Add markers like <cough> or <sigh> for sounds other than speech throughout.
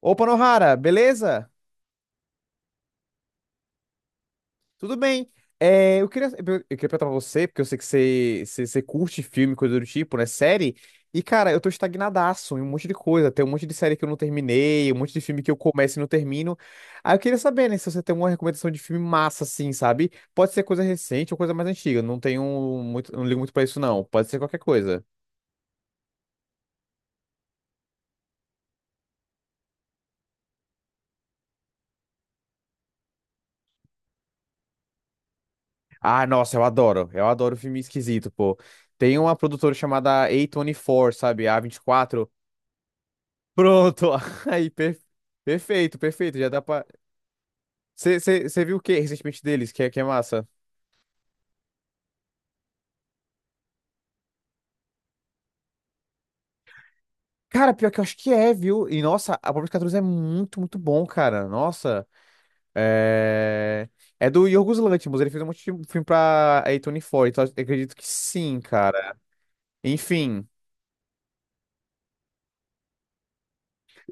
Opa, Nohara, beleza? Tudo bem. É, eu queria perguntar pra você, porque eu sei que você curte filme, coisa do tipo, né? Série. E, cara, eu tô estagnadaço em um monte de coisa. Tem um monte de série que eu não terminei, um monte de filme que eu começo e não termino. Aí eu queria saber, né, se você tem uma recomendação de filme massa, assim, sabe? Pode ser coisa recente ou coisa mais antiga. Não tenho muito, não ligo muito pra isso, não. Pode ser qualquer coisa. Ah, nossa, eu adoro. Eu adoro filme esquisito, pô. Tem uma produtora chamada A24, sabe? A24. Pronto, <laughs> aí, perfeito, perfeito, já dá pra... Você viu o que recentemente deles, que é massa? Cara, pior que eu acho que é, viu? E, nossa, a Pobre 14 é muito, muito bom, cara, nossa. É... É do Yorgos Lanthimos, ele fez um monte de filme pra A24, então eu acredito que sim, cara. Enfim,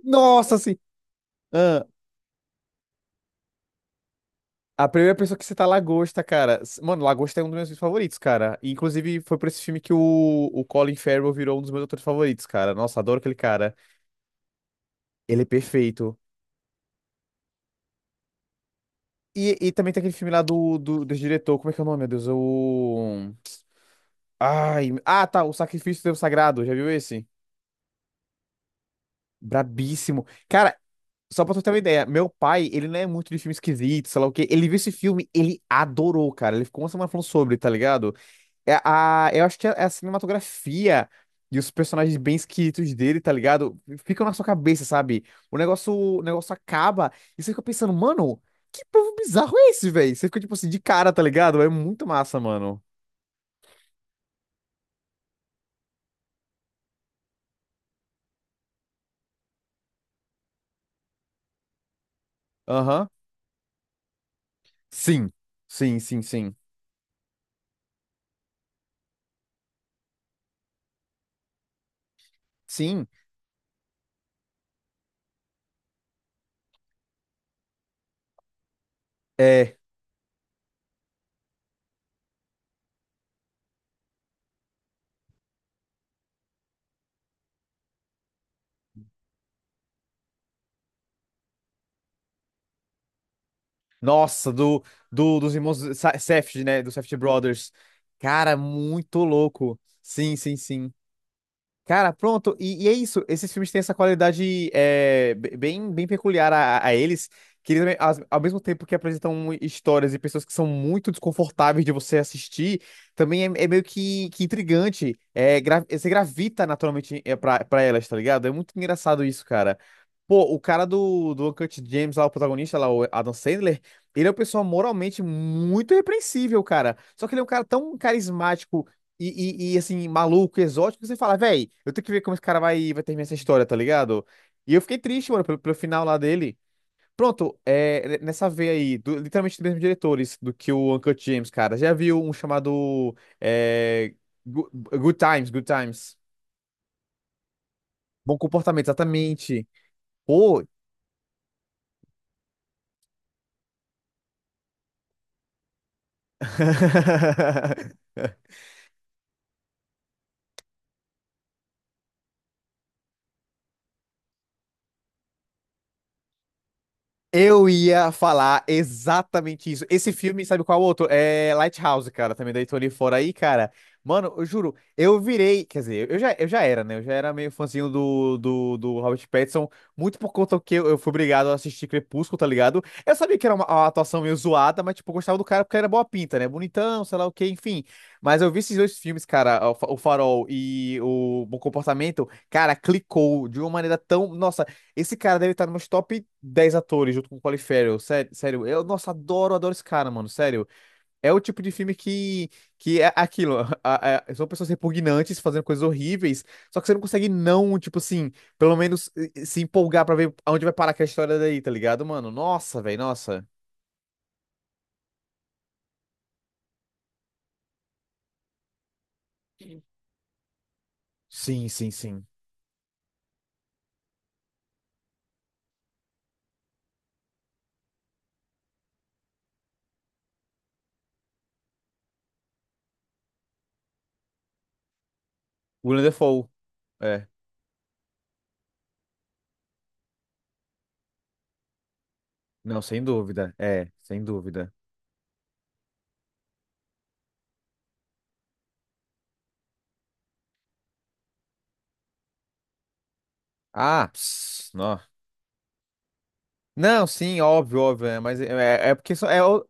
nossa, assim, ah, a primeira pessoa que cita a Lagosta, cara. Mano, Lagosta é um dos meus filmes favoritos, cara. E, inclusive, foi por esse filme que o Colin Farrell virou um dos meus atores favoritos, cara. Nossa, adoro aquele cara. Ele é perfeito. E também tem aquele filme lá do diretor. Como é que é o nome, meu Deus? É O. Ai. Ah, tá. O Sacrifício do Devo Sagrado. Já viu esse? Brabíssimo. Cara, só pra tu ter uma ideia, meu pai, ele não é muito de filme esquisito, sei lá o quê. Ele viu esse filme, ele adorou, cara. Ele ficou uma semana falando sobre, tá ligado? Eu acho que é a cinematografia e os personagens bem esquisitos dele, tá ligado? Ficam na sua cabeça, sabe? O negócio acaba e você fica pensando, mano, que povo bizarro é esse, velho? Você fica, tipo assim, de cara, tá ligado? É muito massa, mano. Aham. Sim. Sim, sim, sim. Sim. É. Nossa, dos irmãos Safdie, né? Dos Safdie Brothers. Cara, muito louco. Sim, sim, sim. Cara, pronto, e é isso. Esses filmes têm essa qualidade bem, bem peculiar a, eles, que eles, também, ao mesmo tempo que apresentam histórias e pessoas que são muito desconfortáveis de você assistir, também é meio que intrigante. É, você gravita naturalmente pra elas, tá ligado? É muito engraçado isso, cara. Pô, o cara do Uncut James, lá, o protagonista, lá, o Adam Sandler, ele é uma pessoa moralmente muito repreensível, cara. Só que ele é um cara tão carismático e, assim, maluco, exótico, você fala, véi, eu tenho que ver como esse cara vai terminar essa história, tá ligado? E eu fiquei triste, mano, pelo final lá dele. Pronto, nessa veia aí, literalmente dos mesmos diretores do que o Uncut James, cara. Já viu um chamado é, Good Times, Good Times. Bom comportamento, exatamente. Pô. <laughs> Eu ia falar exatamente isso. Esse filme, sabe qual outro? É Lighthouse, cara, também da Tony Fora aí, cara. Mano, eu juro, eu virei, quer dizer, eu já era, né? Eu já era meio fãzinho do Robert Pattinson, muito por conta que eu fui obrigado a assistir Crepúsculo, tá ligado? Eu sabia que era uma atuação meio zoada, mas, tipo, eu gostava do cara porque ele era boa pinta, né? Bonitão, sei lá o quê, enfim. Mas eu vi esses dois filmes, cara, o Farol e o Bom Comportamento, cara, clicou de uma maneira tão. Nossa. Esse cara deve estar nos top 10 atores junto com o Colin Farrell. Sério, sério. Eu, nossa, adoro, adoro esse cara, mano. Sério. É o tipo de filme que é aquilo. <laughs> São pessoas repugnantes fazendo coisas horríveis. Só que você não consegue não, tipo assim, pelo menos se empolgar pra ver aonde vai parar aquela história daí, tá ligado, mano? Nossa, velho, nossa. Sim, sim, sim. Willem Dafoe. É. Não, sem dúvida. É, sem dúvida. Ah, pss, não. Não, sim, óbvio, óbvio. É, mas é porque... É,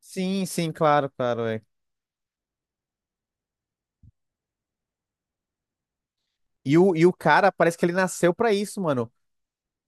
sim, sim, claro, claro. É. E o cara, parece que ele nasceu pra isso, mano.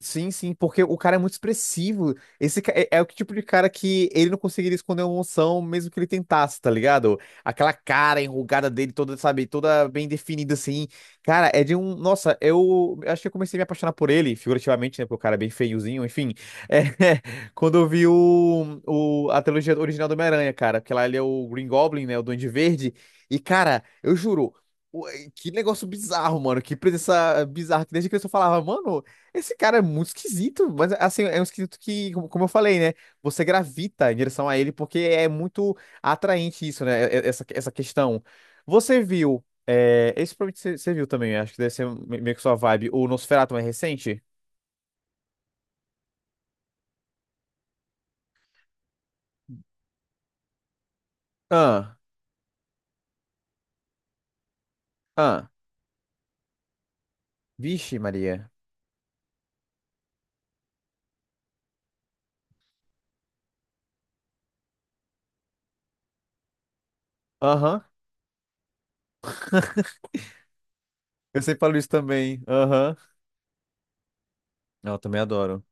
Sim, sim, porque o cara é muito expressivo. Esse é o tipo de cara que ele não conseguiria esconder uma emoção mesmo que ele tentasse, tá ligado? Aquela cara enrugada dele, toda, sabe, toda bem definida assim. Cara, é de um. Nossa, eu acho que eu comecei a me apaixonar por ele, figurativamente, né? Porque o cara é bem feiozinho, enfim. É, <laughs> quando eu vi a trilogia original do Homem-Aranha, cara, porque lá ele é o Green Goblin, né? O Duende Verde. E, cara, eu juro. o- Que negócio bizarro, mano. Que presença bizarra. Que Desde que eu só falava, mano. Esse cara é muito esquisito, mas assim, é um esquisito que, como eu falei, né? Você gravita em direção a ele porque é muito atraente isso, né? Essa questão. Você viu, esse provavelmente você viu também, acho que deve ser meio que sua vibe, o Nosferatu mais recente? Ah, ah, vixe, Maria. Aham, eu sempre falo isso também. Aham, não, eu também adoro.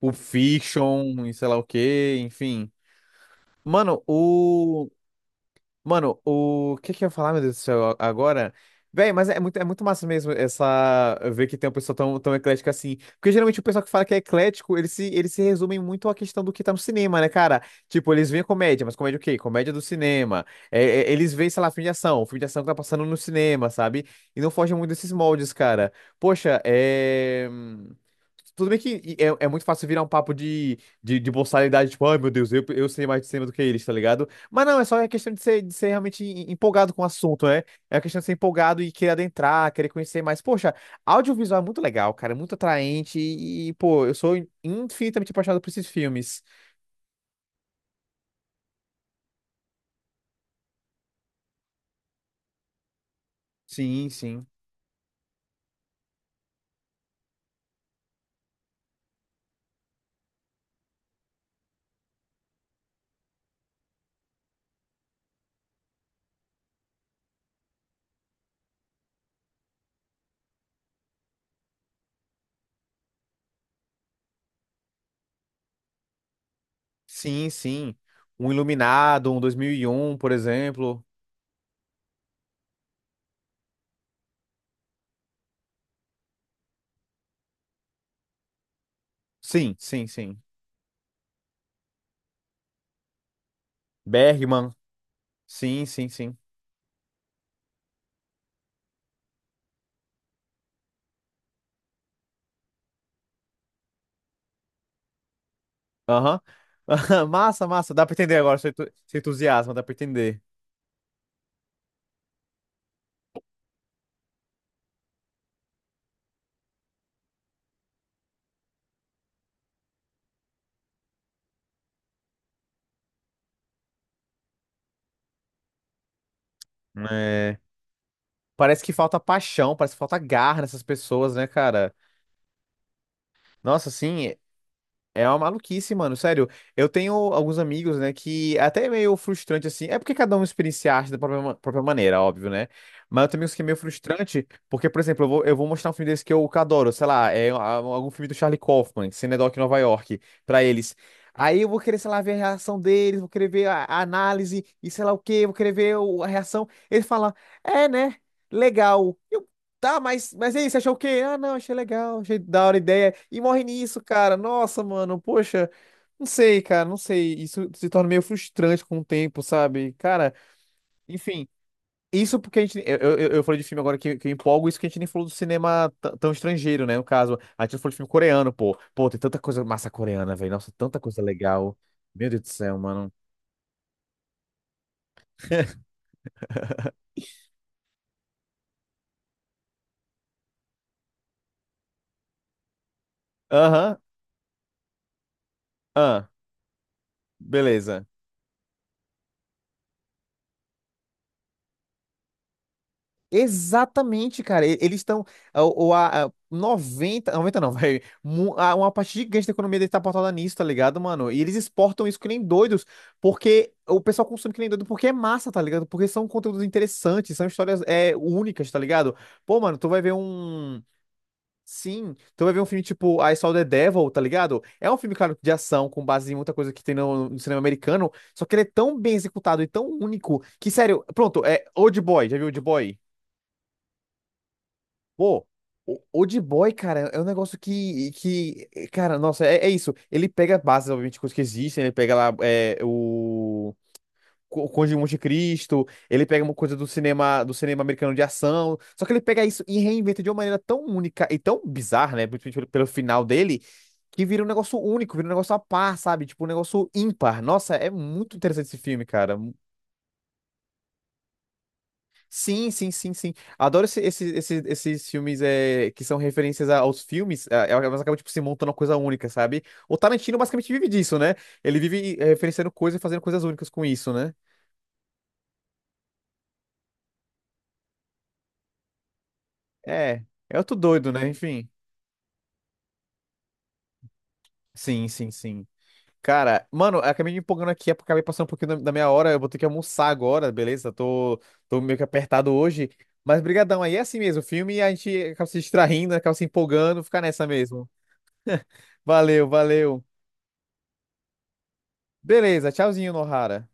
O Fiction, e sei lá o quê, enfim. Mano, o. Mano, o que que eu ia falar, meu Deus do céu, agora? Véi, mas é muito massa mesmo essa ver que tem um pessoal tão, tão eclético assim. Porque geralmente o pessoal que fala que é eclético, eles se resumem muito à questão do que tá no cinema, né, cara? Tipo, eles veem comédia, mas comédia o quê? Comédia do cinema. Eles veem, sei lá, filme de ação que tá passando no cinema, sabe? E não fogem muito desses moldes, cara. Poxa, é. Tudo bem que é muito fácil virar um papo de boçalidade, tipo, ai meu Deus, eu sei mais de cinema do que eles, tá ligado? Mas não, é só a questão de ser, realmente empolgado com o assunto, né? É a questão de ser empolgado e querer adentrar, querer conhecer mais. Poxa, audiovisual é muito legal, cara, é muito atraente pô, eu sou infinitamente apaixonado por esses filmes. Sim, sim. Sim, sim. Um Iluminado, um 2001, por exemplo. Sim, sim, sim. Bergman. Sim, sim, sim. Aham. <laughs> Massa, massa. Dá pra entender agora, seu seu entusiasmo, dá pra entender. É. Parece que falta paixão, parece que falta garra nessas pessoas, né, cara? Nossa, assim, é uma maluquice, mano. Sério, eu tenho alguns amigos, né, que é até é meio frustrante, assim. É porque cada um experiencia a arte da própria maneira, óbvio, né? Mas eu tenho amigos que é meio frustrante, porque, por exemplo, eu vou mostrar um filme desse que eu que adoro, sei lá, algum filme do Charlie Kaufman, Cinedoc em Nova York, pra eles. Aí eu vou querer, sei lá, ver a reação deles, vou querer ver a análise e sei lá o quê, vou querer ver a reação. Eles falam é, né? Legal. Tá, mas é isso, achou o quê? Ah, não, achei legal, achei da hora a ideia. E morre nisso, cara. Nossa, mano, poxa, não sei, cara, não sei. Isso se torna meio frustrante com o tempo, sabe? Cara, enfim, isso porque a gente. Eu falei de filme agora que eu empolgo, isso que a gente nem falou do cinema tão estrangeiro, né? No caso, a gente não falou de filme coreano, pô. Pô, tem tanta coisa massa coreana, velho. Nossa, tanta coisa legal. Meu Deus do céu, mano. Aham, ah, beleza. Exatamente, cara. Eles estão. Ou a 90 90 não, <laughs> velho. Uma parte gigante da economia deles tá pautada nisso, tá ligado, mano? E eles exportam isso que nem doidos, porque o pessoal consome que nem doido porque é massa, tá ligado? Porque são conteúdos interessantes, são histórias únicas, tá ligado? Pô, mano, tu vai ver um. Sim, tu vai ver um filme tipo I Saw the Devil, tá ligado? É um filme, claro, de ação, com base em muita coisa que tem no cinema americano, só que ele é tão bem executado e tão único que, sério, pronto, é Old Boy, já viu Old Boy? Pô, o Old Boy, cara, é um negócio que cara, nossa, é isso. Ele pega bases, obviamente, coisas que existem, ele pega lá o Conde de Monte Cristo, ele pega uma coisa do cinema, americano de ação, só que ele pega isso e reinventa de uma maneira tão única e tão bizarra, né, principalmente pelo final dele, que vira um negócio único, vira um negócio a par, sabe? Tipo, um negócio ímpar. Nossa, é muito interessante esse filme, cara. Sim, sim, sim, sim. Adoro esses filmes que são referências aos filmes, mas acaba tipo, se montando uma coisa única, sabe? O Tarantino basicamente vive disso, né? Ele vive referenciando coisas e fazendo coisas únicas com isso, né? É, é outro doido, né? Enfim. Sim, sim, sim. Cara, mano, eu acabei me empolgando aqui, acabei passando um pouquinho da minha hora, eu vou ter que almoçar agora, beleza? Tô meio que apertado hoje. Mas brigadão, aí é assim mesmo, o filme a gente acaba se distraindo, acaba se empolgando, fica nessa mesmo. Valeu, valeu. Beleza, tchauzinho, Nohara.